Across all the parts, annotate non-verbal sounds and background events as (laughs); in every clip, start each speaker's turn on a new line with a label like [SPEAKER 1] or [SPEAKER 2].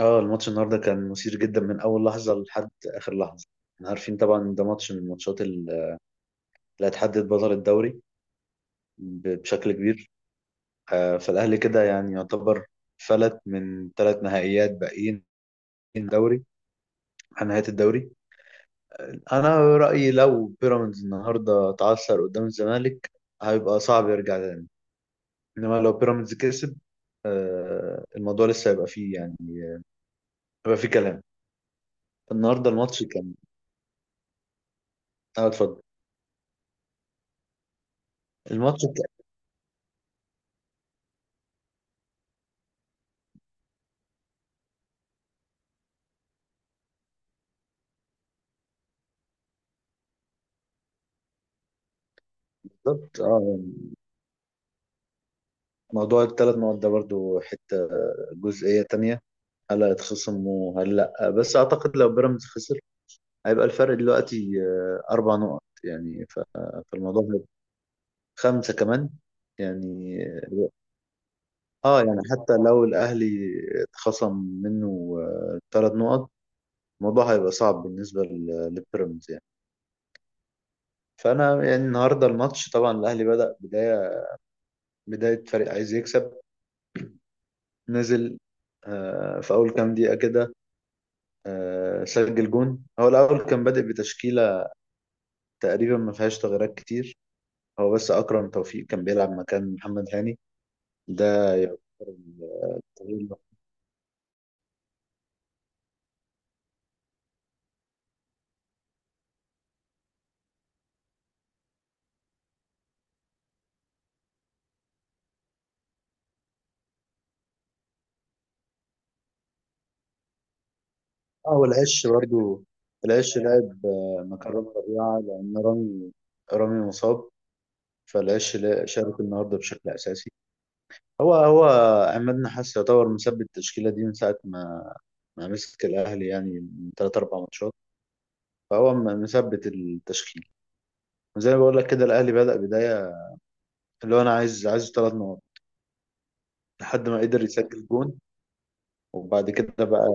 [SPEAKER 1] اه الماتش النهارده كان مثير جدا من اول لحظه لحد اخر لحظه. احنا عارفين طبعا إن ده ماتش من الماتشات اللي هتحدد بطل الدوري بشكل كبير. آه، فالاهلي كده يعني يعتبر فلت من ثلاث نهائيات باقيين دوري عن نهايه الدوري. انا رايي لو بيراميدز النهارده اتعثر قدام الزمالك هيبقى صعب يرجع تاني، انما لو بيراميدز كسب آه، الموضوع لسه هيبقى فيه، يعني هيبقى فيه كلام. النهارده الماتش كان. اه اتفضل. الماتش كان. بالظبط اه. موضوع الثلاث مواد ده برضو حتة جزئية تانية، هل هيتخصم وهل لأ؟ بس أعتقد لو بيراميدز خسر هيبقى الفرق دلوقتي آه، أربع نقط، فالموضوع هيبقى خمسة كمان يعني. اه يعني حتى لو الأهلي اتخصم منه ثلاث نقط الموضوع هيبقى صعب بالنسبة للبيراميدز يعني. فأنا يعني النهاردة الماتش طبعا الأهلي بدأ بداية فريق عايز يكسب. نزل آه، في أول كام دقيقة كده، آه، سجل جون. هو الأول كان بادئ بتشكيلة تقريبا ما فيهاش تغييرات كتير. هو بس أكرم توفيق كان بيلعب مكان محمد هاني، ده يعتبر التغيير الوحيد. اه والعش برضو، العش لعب آه، مكان رامي ربيعة لأن رامي مصاب. فالعش شارك النهارده بشكل أساسي. هو عماد نحاس يعتبر مثبت التشكيلة دي من ساعة ما مسك الأهلي، يعني من تلات أربع ماتشات، فهو مثبت التشكيل. وزي ما بقول لك كده الأهلي بدأ بداية اللي هو انا عايز ثلاث نقط لحد ما قدر يسجل جون. وبعد كده بقى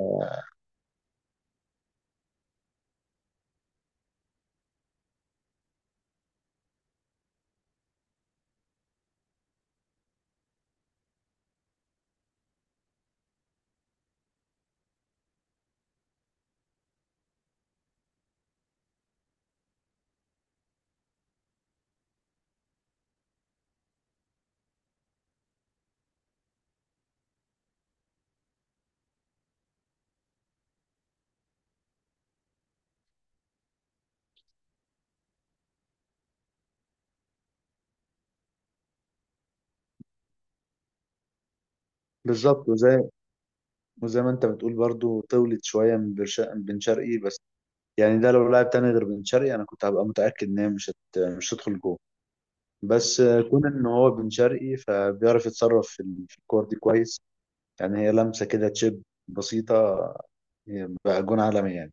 [SPEAKER 1] بالظبط. وزي ما انت بتقول برضو طولت شويه من من بن شرقي، بس يعني ده لو لاعب تاني غير بن شرقي انا كنت هبقى متاكد ان هي مش هتدخل جوه. بس آه، كون ان هو بن شرقي فبيعرف يتصرف في الكور دي كويس. يعني هي لمسه كده تشيب بسيطه، هي بقى جون عالمي يعني.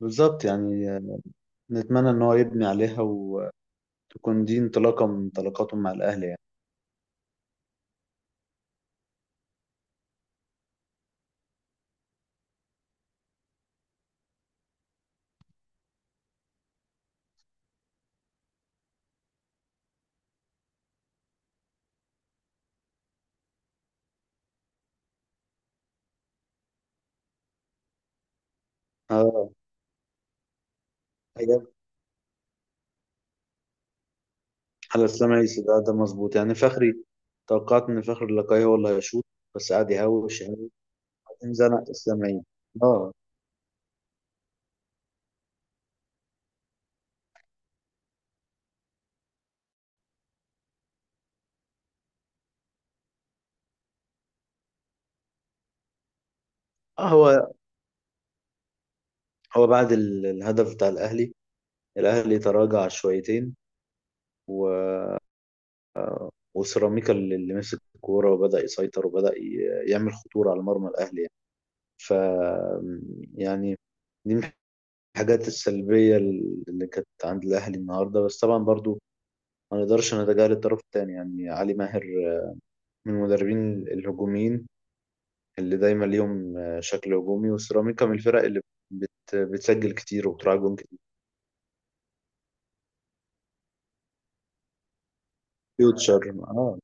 [SPEAKER 1] بالظبط يعني آه، نتمنى ان هو يبني عليها وتكون دي انطلاقه من انطلاقاته مع الاهلي يعني. اه على السمايسي، ده ده مظبوط يعني فخري. توقعت ان فخر اللقاي هو اللي هيشوط بس قعد يهوش يعني، وبعدين زنق السمايسي. اه آه، هو بعد الهدف بتاع الاهلي، الاهلي تراجع شويتين، و... وسيراميكا اللي مسك الكوره وبدا يسيطر وبدا يعمل خطوره على مرمى الاهلي يعني. ف يعني دي من الحاجات السلبيه اللي كانت عند الاهلي النهارده. بس طبعا برضو ما نقدرش نتجاهل الطرف الثاني، يعني علي ماهر من المدربين الهجوميين اللي دايما ليهم آه، شكل هجومي. وسيراميكا من الفرق اللي بتسجل كتير وبتراعي جون كتير. فيوتشر اه.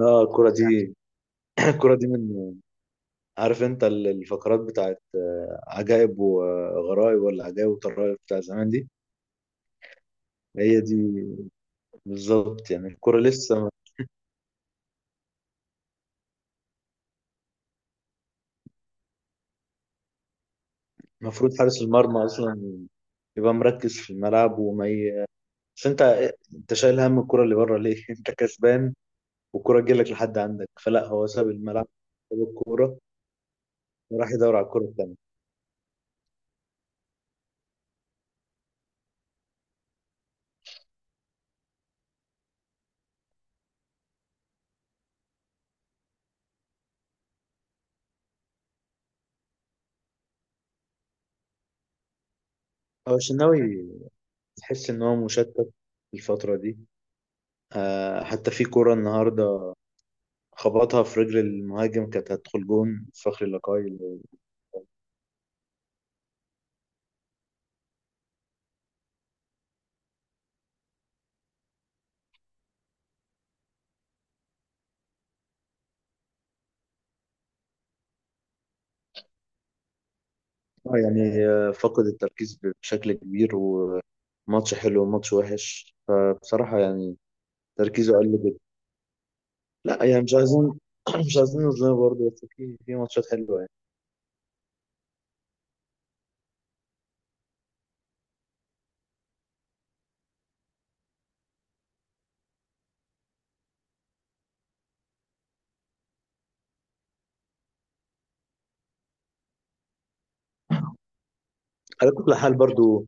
[SPEAKER 1] اه الكرة دي، (clears throat) الكرة دي من، عارف انت الفقرات بتاعت آه، عجائب وغرائب ولا عجائب وطرائب بتاع زمان دي؟ هي دي بالظبط يعني. الكرة لسه، المفروض حارس المرمى اصلا يبقى مركز في الملعب بس انت آه، انت شايل هم الكرة اللي بره ليه؟ (laughs) انت كسبان والكرة تجيلك لحد عندك، فلا هو ساب الملعب، ساب الكورة وراح يدور على الكورة. هو الشناوي تحس ان هو مشتت الفترة دي. آه حتى في كرة النهاردة خبطها في رجل المهاجم كانت هتدخل جون فخري لقاي. آه يعني آه فقد التركيز بشكل كبير، وماتش حلو وماتش وحش فبصراحة يعني تركيزه قل جدا. لا يعني مش عايزين، (clears throat) مش عايزين نظلمه برضه، بس في في ماتشات حلوة يعني. على كل حال برضه،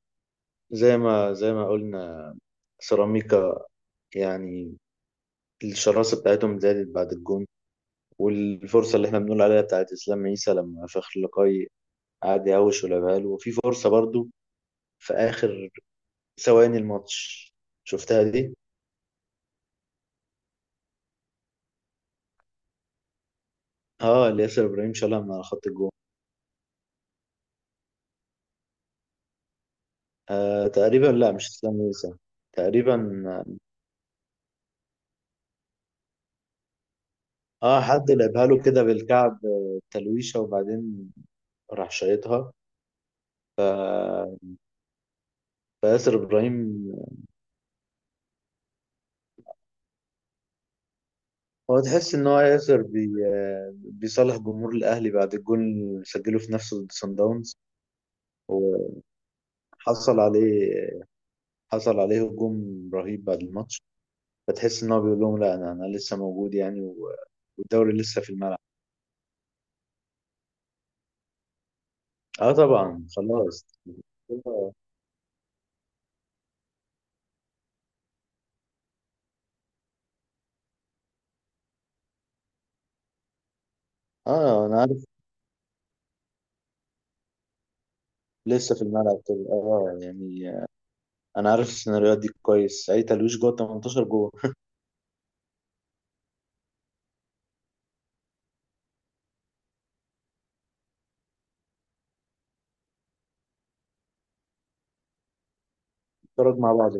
[SPEAKER 1] زي ما قلنا سيراميكا يعني الشراسة بتاعتهم زادت بعد الجون. والفرصة اللي احنا بنقول عليها بتاعت إسلام عيسى لما فخر لقاي قعد يهوش ولعبها له، وفي فرصة برضو في آخر ثواني الماتش، شفتها دي؟ اه اللي ياسر إبراهيم شالها من على خط الجون. آه تقريبا لا مش إسلام عيسى، تقريبا. اه حد لعبها له كده بالكعب آه، تلويشة وبعدين راح شايطها. فياسر إبراهيم، هو تحس إن هو ياسر بي آه، بيصالح جمهور الأهلي بعد الجول اللي سجله في نفسه ضد صن داونز، وحصل عليه، حصل عليه هجوم رهيب بعد الماتش. فتحس ان هو بيقول لهم لا انا لسه موجود يعني، و- والدوري لسه في الملعب. اه طبعا خلاص. اه انا عارف لسه في الملعب كده اه يعني. انا عارف السيناريوهات دي كويس، اي تلويش جوه 18 جوه. (laughs) اتفرج مع بعض.